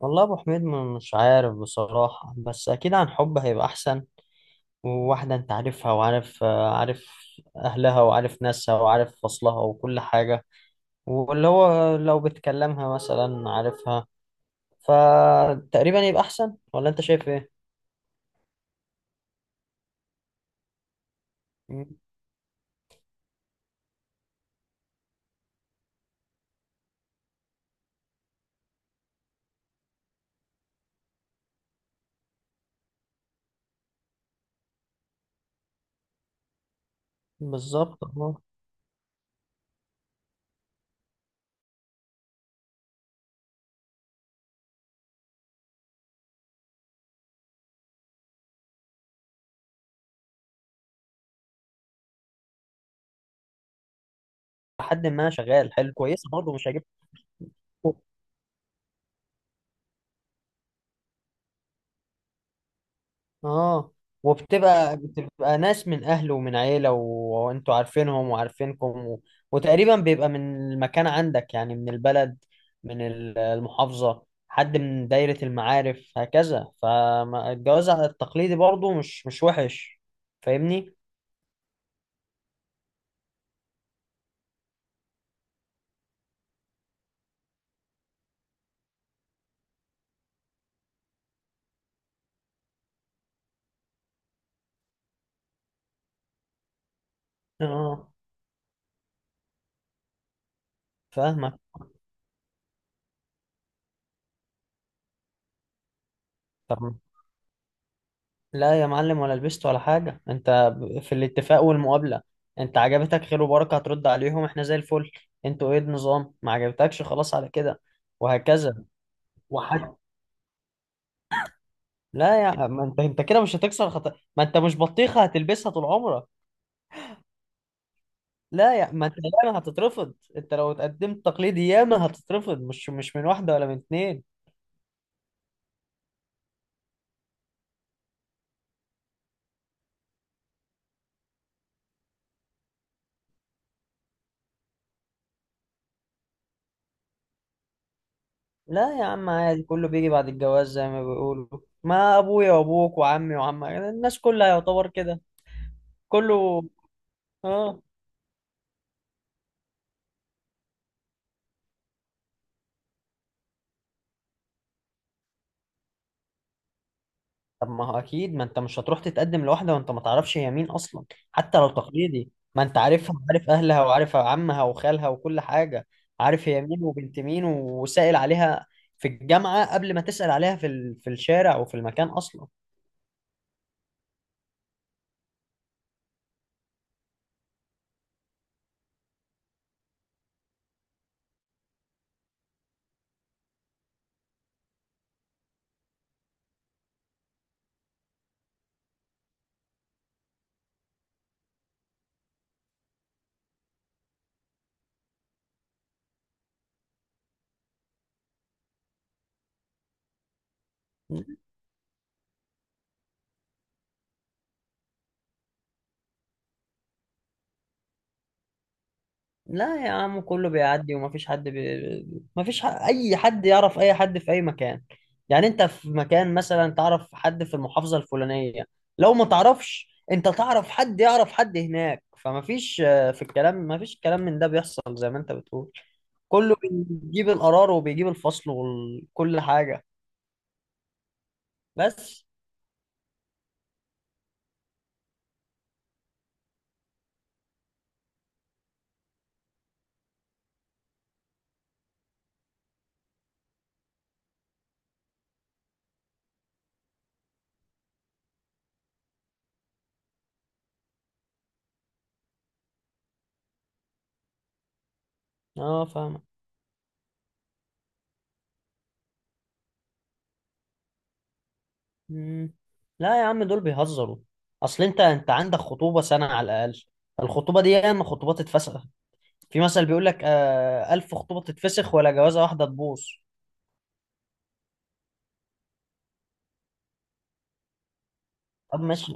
والله ابو حميد مش عارف بصراحة، بس اكيد عن حب هيبقى احسن. وواحدة انت عارفها وعارف آه، عارف اهلها وعارف ناسها وعارف فصلها وكل حاجة، واللي هو لو بتكلمها مثلا عارفها، فتقريبا يبقى احسن. ولا انت شايف ايه؟ مم. بالظبط، اه. لحد ما شغال حلو كويسة برضه مش هجيب. اه. وبتبقى بتبقى ناس من اهله ومن عيله وانتوا عارفينهم وعارفينكم وتقريبا بيبقى من المكان عندك يعني من البلد، من المحافظه، حد من دايره المعارف هكذا. فالجواز على التقليدي برضو مش وحش، فاهمني؟ اه فاهمك. طب لا يا معلم، ولا لبست ولا حاجه. انت في الاتفاق والمقابله، انت عجبتك خير وبركه، هترد عليهم احنا زي الفل. انتوا ايه النظام؟ ما عجبتكش، خلاص على كده، وهكذا. وحتى لا يا ما انت كده مش هتكسر خط. ما انت مش بطيخه هتلبسها طول عمرك. لا يا ما انت، ياما هتترفض. انت لو اتقدمت تقليدي ياما هتترفض، مش من واحده ولا من اتنين. لا يا عم، عادي، كله بيجي بعد الجواز زي ما بيقولوا. ما ابويا وابوك وعمي وعمك، الناس كلها يعتبر كده كله. اه. طب ما هو اكيد، ما انت مش هتروح تتقدم لواحده وانت ما تعرفش هي مين اصلا. حتى لو تقليدي، ما انت عارفها وعارف اهلها وعارف عمها وخالها وكل حاجه. عارف هي مين وبنت مين، وسائل عليها في الجامعه قبل ما تسأل عليها في الشارع وفي المكان اصلا. لا يا عم، كله بيعدي. ومفيش حد مفيش اي حد يعرف اي حد في اي مكان. يعني انت في مكان مثلا تعرف حد في المحافظة الفلانية، لو ما تعرفش انت، تعرف حد يعرف حد هناك. فمفيش في الكلام، مفيش كلام من ده بيحصل زي ما انت بتقول. كله بيجيب القرار وبيجيب الفصل وكل حاجة. بس. اه فاهمك. مم. لا يا عم دول بيهزروا. اصل انت، عندك خطوبة سنة على الاقل. الخطوبة دي ياما خطوبات اتفسخ. في مثل بيقول لك: آه، ألف خطوبة تتفسخ ولا جوازة واحدة تبوظ. طب ماشي.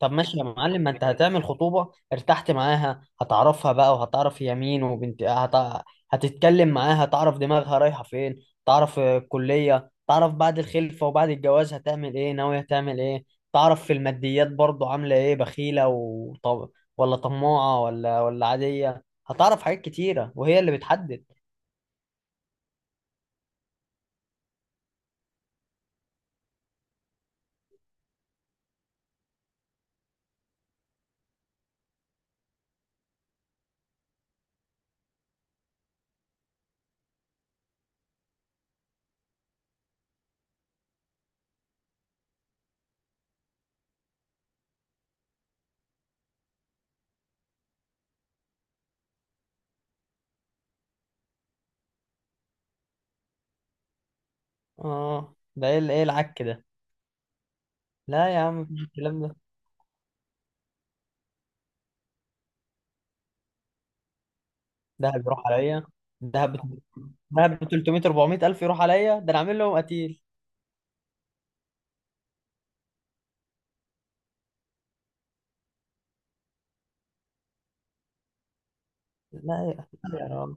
طب ماشي يا معلم، ما انت هتعمل خطوبة ارتحت معاها، هتعرفها بقى وهتعرف هي مين، وبنت هتتكلم معاها، هتعرف دماغها رايحة فين، تعرف الكلية، تعرف بعد الخلفة وبعد الجواز هتعمل ايه، ناوية هتعمل ايه، تعرف في الماديات برضو عاملة ايه، بخيلة ولا طماعة ولا عادية. هتعرف حاجات كتيرة وهي اللي بتحدد. اه، ده ايه العك ده؟ لا يا عم، مفيش الكلام ده. دهب يروح عليا؟ دهب دهب ب 300 400 الف يروح عليا؟ ده انا عامل لهم قتيل. لا يا راجل.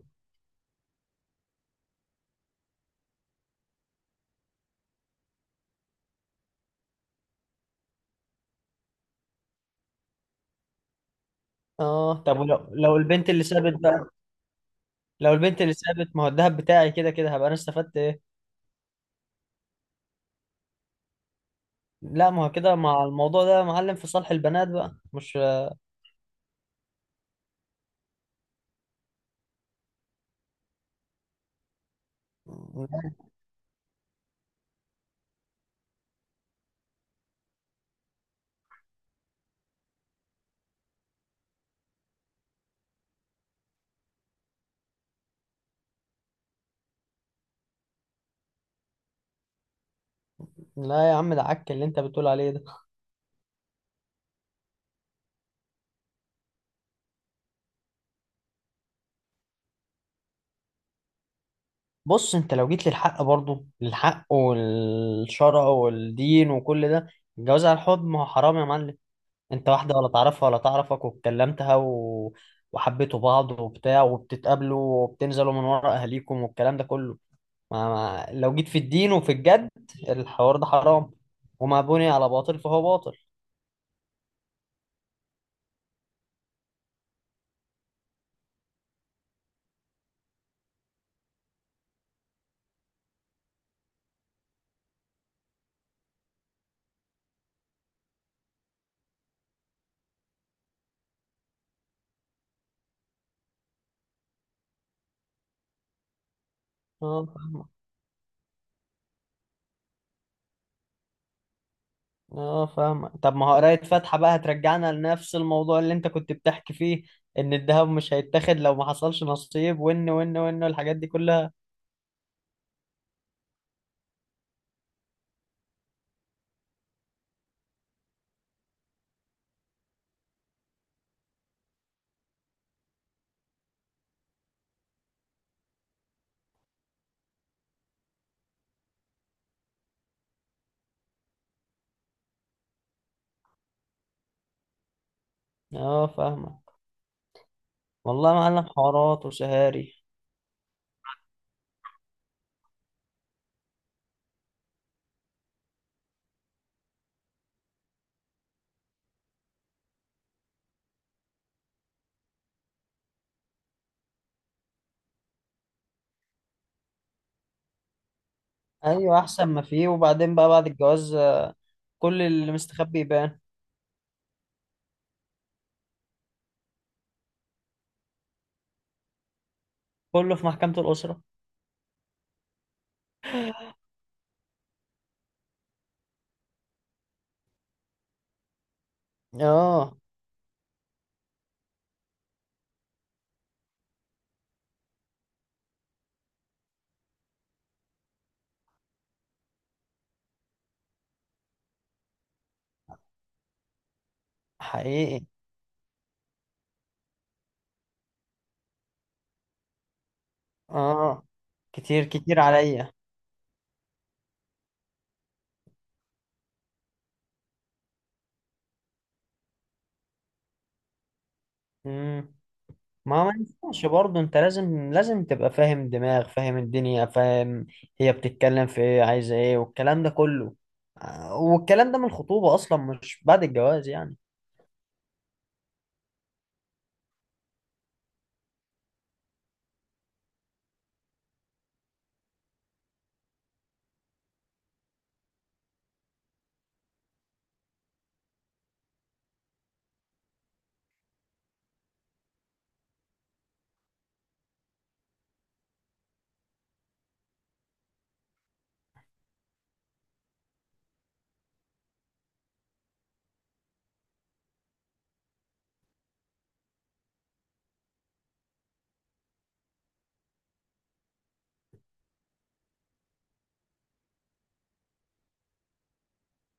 اه. طب ولو، البنت اللي سابت بقى. لو البنت اللي سابت، ما هو الدهب بتاعي كده كده، هبقى انا استفدت ايه؟ لا، ما هو كده مع الموضوع ده يا معلم في صالح البنات بقى، مش. لا يا عم، ده عك اللي انت بتقول عليه ده. بص، انت لو جيت للحق برضه، للحق والشرع والدين وكل ده، الجواز على الحب ما هو حرام يا معلم. انت واحدة ولا تعرفها ولا تعرفك، واتكلمتها وحبيتوا بعض وبتاع، وبتتقابلوا وبتنزلوا من ورا اهاليكم والكلام ده كله. ما... ما... لو جيت في الدين وفي الجد، الحوار ده حرام، وما بني على باطل فهو باطل. اه فاهمك. اه فاهمك. طب ما هو قراية فاتحة بقى هترجعنا لنفس الموضوع اللي انت كنت بتحكي فيه، ان الذهب مش هيتاخد لو ما حصلش نصيب، وان والحاجات دي كلها. اه فاهمك. والله يا معلم، حوارات وسهاري. ايوه، احسن ما فيه. وبعدين بقى بعد الجواز، كل اللي مستخبي يبان. كله في محكمة الأسرة. اه. حقيقي. اه، كتير كتير عليا. امم. ما ينفعش برضه، انت لازم، تبقى فاهم دماغ، فاهم الدنيا، فاهم هي بتتكلم في ايه، عايزة ايه والكلام ده كله. والكلام ده من الخطوبة اصلا، مش بعد الجواز يعني.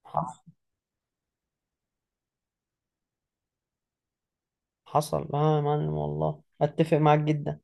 حصل. حصل اه يا معلم، والله اتفق معاك جدا.